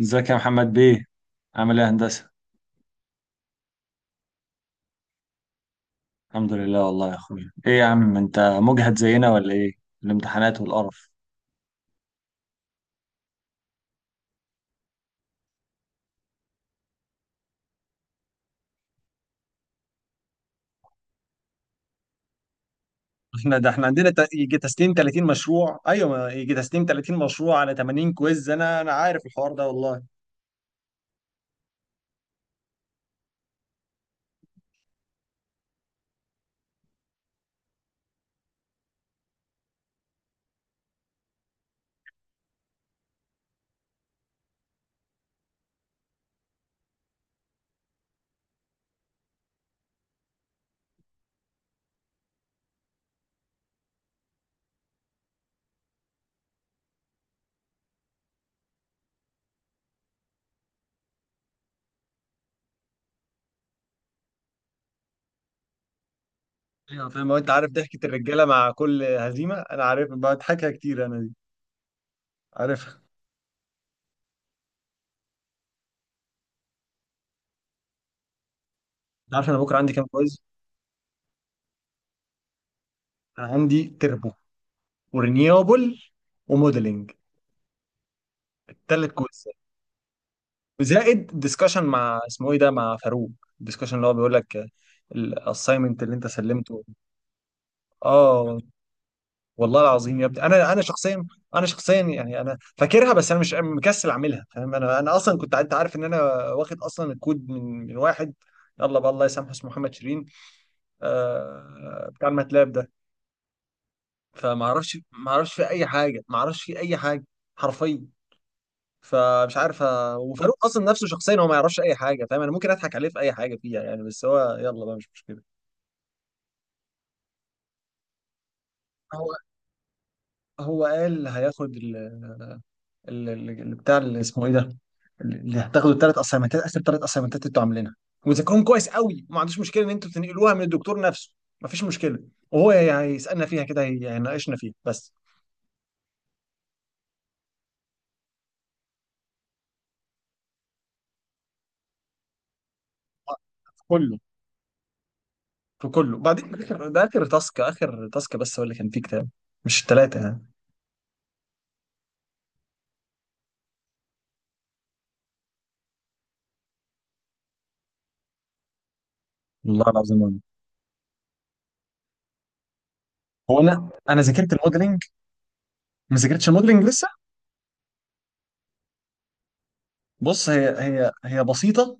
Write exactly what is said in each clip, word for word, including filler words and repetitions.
ازيك يا محمد بيه؟ عامل ايه يا هندسة؟ الحمد لله والله يا اخويا. ايه يا عم، انت مجهد زينا ولا ايه؟ الامتحانات والقرف. احنا ده احنا عندنا تا- يجي تسليم ثلاثين مشروع. ايوه، ما يجي تسليم ثلاثين مشروع على ثمانين كويز. انا انا عارف الحوار ده والله. ايوه فاهم. هو انت عارف ضحكة الرجالة مع كل هزيمة؟ انا عارف، بضحكها كتير انا دي. عارفها. انت عارف انا بكره عندي كام كويز؟ انا عندي تربو ورينيوبل وموديلنج، الثلاث كويز، زائد ديسكشن مع اسمه ايه ده، مع فاروق. الديسكشن اللي هو بيقول لك الاساينمنت اللي انت سلمته. اه. والله العظيم يا ابني، انا انا شخصيا، انا شخصيا يعني انا فاكرها، بس انا مش مكسل اعملها، فاهم. انا انا اصلا كنت، انت عارف ان انا واخد اصلا الكود من من واحد، يلا بقى الله يسامحه، اسمه محمد شيرين، آه بتاع الماتلاب ده. فما اعرفش ما اعرفش في اي حاجه، ما اعرفش في اي حاجه، حرفيا. فمش عارف ه- وفاروق اصلا نفسه شخصيا هو ما يعرفش اي حاجه، فاهم. انا ممكن اضحك عليه في اي حاجه فيها يعني، بس هو يلا بقى مش مشكله. هو هو قال هياخد ال- ال- ال- ال- بتاع اللي اسمه ايه ده، اللي هتاخدوا الثلاث اسايمنتات. اخر ثلاث اسايمنتات انتوا عاملينها، وذاكرهم كويس قوي، وما عندوش مشكله ان انتوا بتنقلوها من الدكتور نفسه. ما فيش مشكله. وهو هيسالنا فيها كده، هي- هيناقشنا فيها بس. في كله في كله. بعدين ده اخر ده آخر تاسك، اخر تاسك بس هو اللي كان فيه كتاب، مش الثلاثه يعني. والله العظيم. هو انا انا ذاكرت الموديلنج، ما ذاكرتش الموديلنج لسه. بص، هي هي هي بسيطه،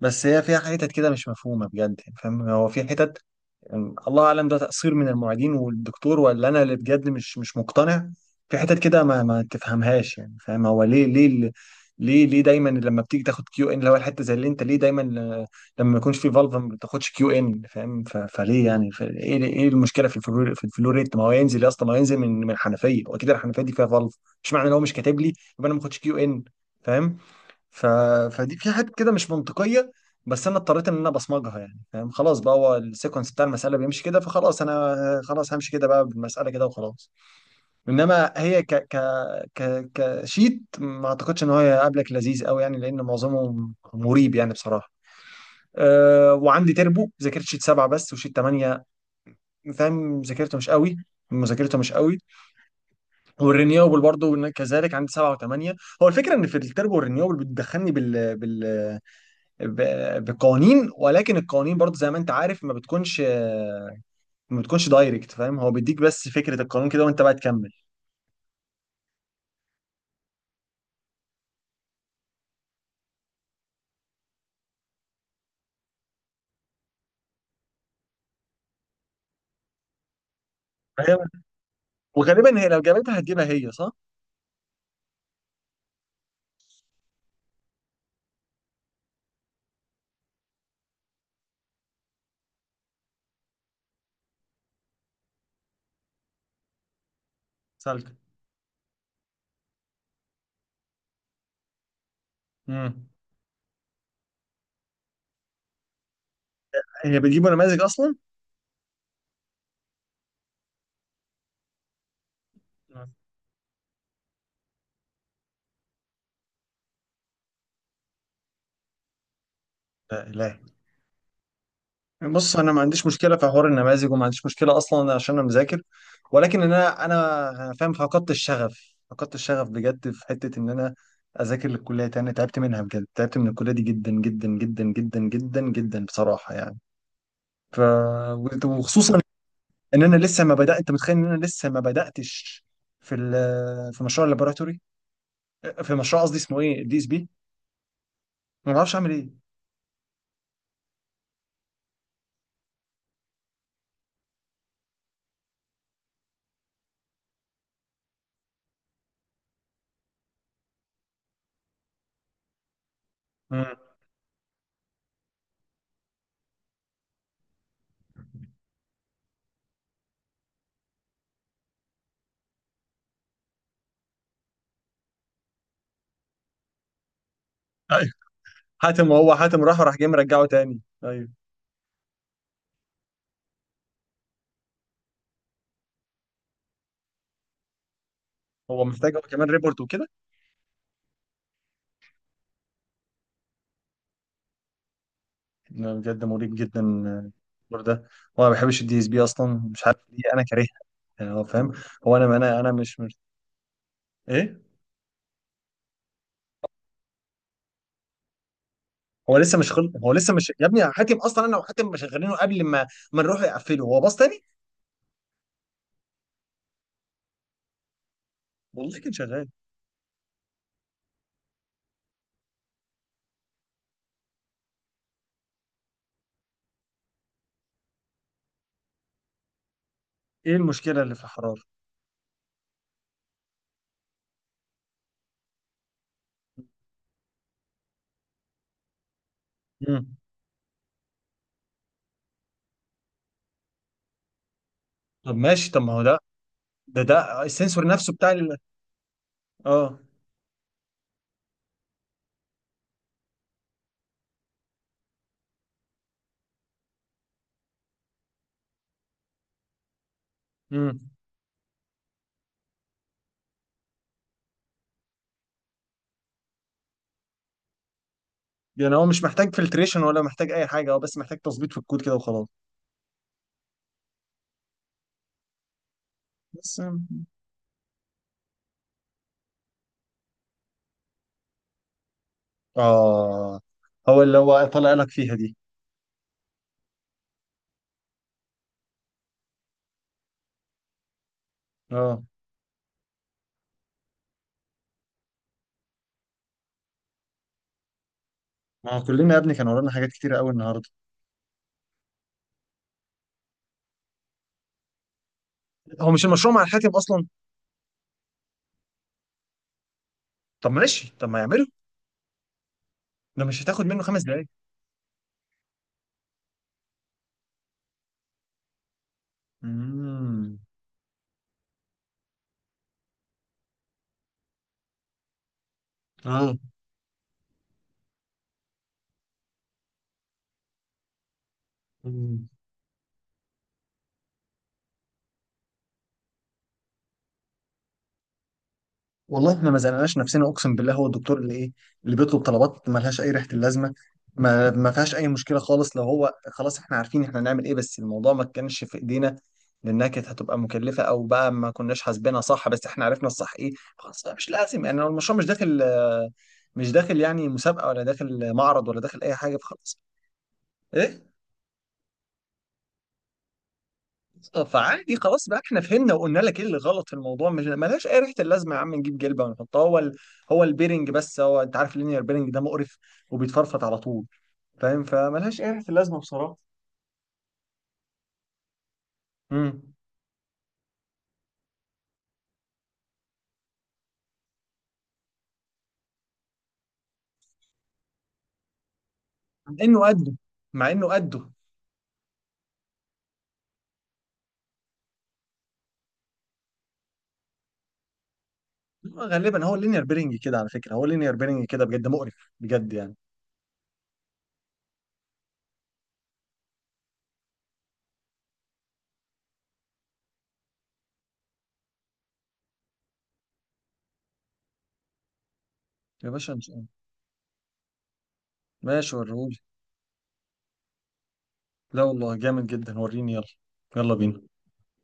بس هي فيها حتت كده مش مفهومه بجد يعني، فاهم. هو في حتت، يعني الله اعلم، ده تقصير من المعيدين والدكتور ولا انا اللي بجد مش مش مقتنع. في حتت كده ما ما تفهمهاش يعني، فاهم. هو ليه ليه ال- ليه ليه دايما لما بتيجي تاخد كيو ان، اللي هو الحته زي اللي انت، ليه دايما ل- لما ما يكونش في فالف ما بتاخدش كيو ان، فاهم. ف- فليه يعني ف- ايه ايه المشكله في الفلور في الفلوريت؟ ما هو ينزل يا اسطى، ما هو ينزل من من الحنفيه، واكيد الحنفيه دي فيها فالف. مش معنى ان هو مش كاتب لي يبقى انا ما باخدش كيو ان، فاهم. ف... فدي في حاجات كده مش منطقية. بس انا اضطريت ان انا بصمجها يعني، فاهم. خلاص بقى، هو السيكونس بتاع المسألة بيمشي كده، فخلاص انا خلاص همشي كده بقى بالمسألة كده وخلاص. انما هي ك ك ك كشيت. ما اعتقدش ان هو هيقابلك لذيذ قوي يعني، لان معظمه مريب يعني بصراحة. أه، وعندي تربو، ذاكرت شيت سبعة بس وشيت تمانية، فاهم. ذاكرته مش قوي مذاكرته مش قوي. والرينيوبل برضه كذلك، عندي سبعة وثمانية. هو الفكرة ان في التربو والرينيوبل بتدخلني بال بال ب- بقوانين، ولكن القوانين برضه زي ما انت عارف ما بتكونش ما بتكونش دايركت، فاهم. هو بيديك بس فكرة القانون كده وانت بقى تكمل. فهي وغالبا هي لو جابتها هتجيبها هي، صح؟ سالكة. امم هي بتجيبوا نماذج اصلا؟ مم. لا، لا. بص، انا ما عنديش مشكلة في حوار النماذج وما عنديش مشكلة اصلا عشان انا مذاكر. ولكن انا انا فاهم، فقدت الشغف، فقدت الشغف بجد في حتة ان انا اذاكر للكلية تاني. تعبت منها بجد، تعبت من الكلية دي جدا جدا جدا جدا جدا جدا بصراحة يعني. ف وخصوصا ان انا لسه ما بدات، انت متخيل ان انا لسه ما بداتش في ال- في مشروع اللابوراتوري، في مشروع قصدي اسمه ايه، الدي اس بي. ما بعرفش اعمل ايه. مم. ايوه حاتم، هو حاتم راح، وراح جاي مرجعه تاني. ايوه. هو محتاج هو كمان ريبورت وكده. لا، بجد مريب جدا الريبورت ده. وانا ما بحبش الدي اس بي اصلا، مش عارف ليه، انا كارهها يعني. هو فاهم. هو انا انا انا مش مش-. ايه. هو لسه مش خل... هو لسه مش، يا ابني حاتم اصلا، انا وحاتم شغالينه قبل ما ما نروح يقفله هو باص تاني. والله كان شغال. ايه المشكلة اللي في الحرارة؟ مم. طب ماشي. طب ما هو ده ده ده السنسور نفسه بتاع ال... اه. مم. يعني هو مش محتاج فلتريشن ولا محتاج اي حاجة، هو بس محتاج تظبيط في الكود كده وخلاص؟ بس. اه، هو اللي هو طلع لك فيها دي. اه. ما هو كلنا يا ابني كان ورانا حاجات كتيرة قوي النهارده. هو مش المشروع مع الحاتم اصلا؟ طب ماشي، طب ما يعمله، ده مش هتاخد منه خمس دقايق. امم. اه. والله احنا ما زنقناش نفسنا، اقسم بالله. هو الدكتور اللي ايه، اللي بيطلب طلبات ما لهاش اي ريحه اللازمه. ما ما فيهاش اي مشكله خالص، لو هو خلاص احنا عارفين احنا هنعمل ايه، بس الموضوع ما كانش في ايدينا. لانها كانت هتبقى مكلفه، او بقى ما كناش حاسبينها صح. بس احنا عرفنا الصح ايه، خلاص بقى مش لازم يعني، هو المشروع مش داخل آه، مش داخل يعني مسابقه، ولا داخل معرض، ولا داخل اي حاجه، فخلاص. ايه. آه، فعادي خلاص بقى، احنا فهمنا وقلنا لك ايه اللي غلط في الموضوع. مش ملهاش اي ريحه اللازمه يا عم نجيب جلبه ونحطها، هو ال... هو البيرنج بس. هو انت عارف اللينير بيرنج ده مقرف وبيتفرفط على طول، فاهم. فملهاش اي ريحه اللازمه بصراحه. امم. مع انه قده، مع انه قده. هو غالبا، هو اللينير بيرنج كده على فكره، هو اللينير بيرنج كده بجد مقرف، بجد يعني. يا باشا مش. ماشي وريهولي. لا والله، جامد جدا، وريني. يلا، يلا بينا.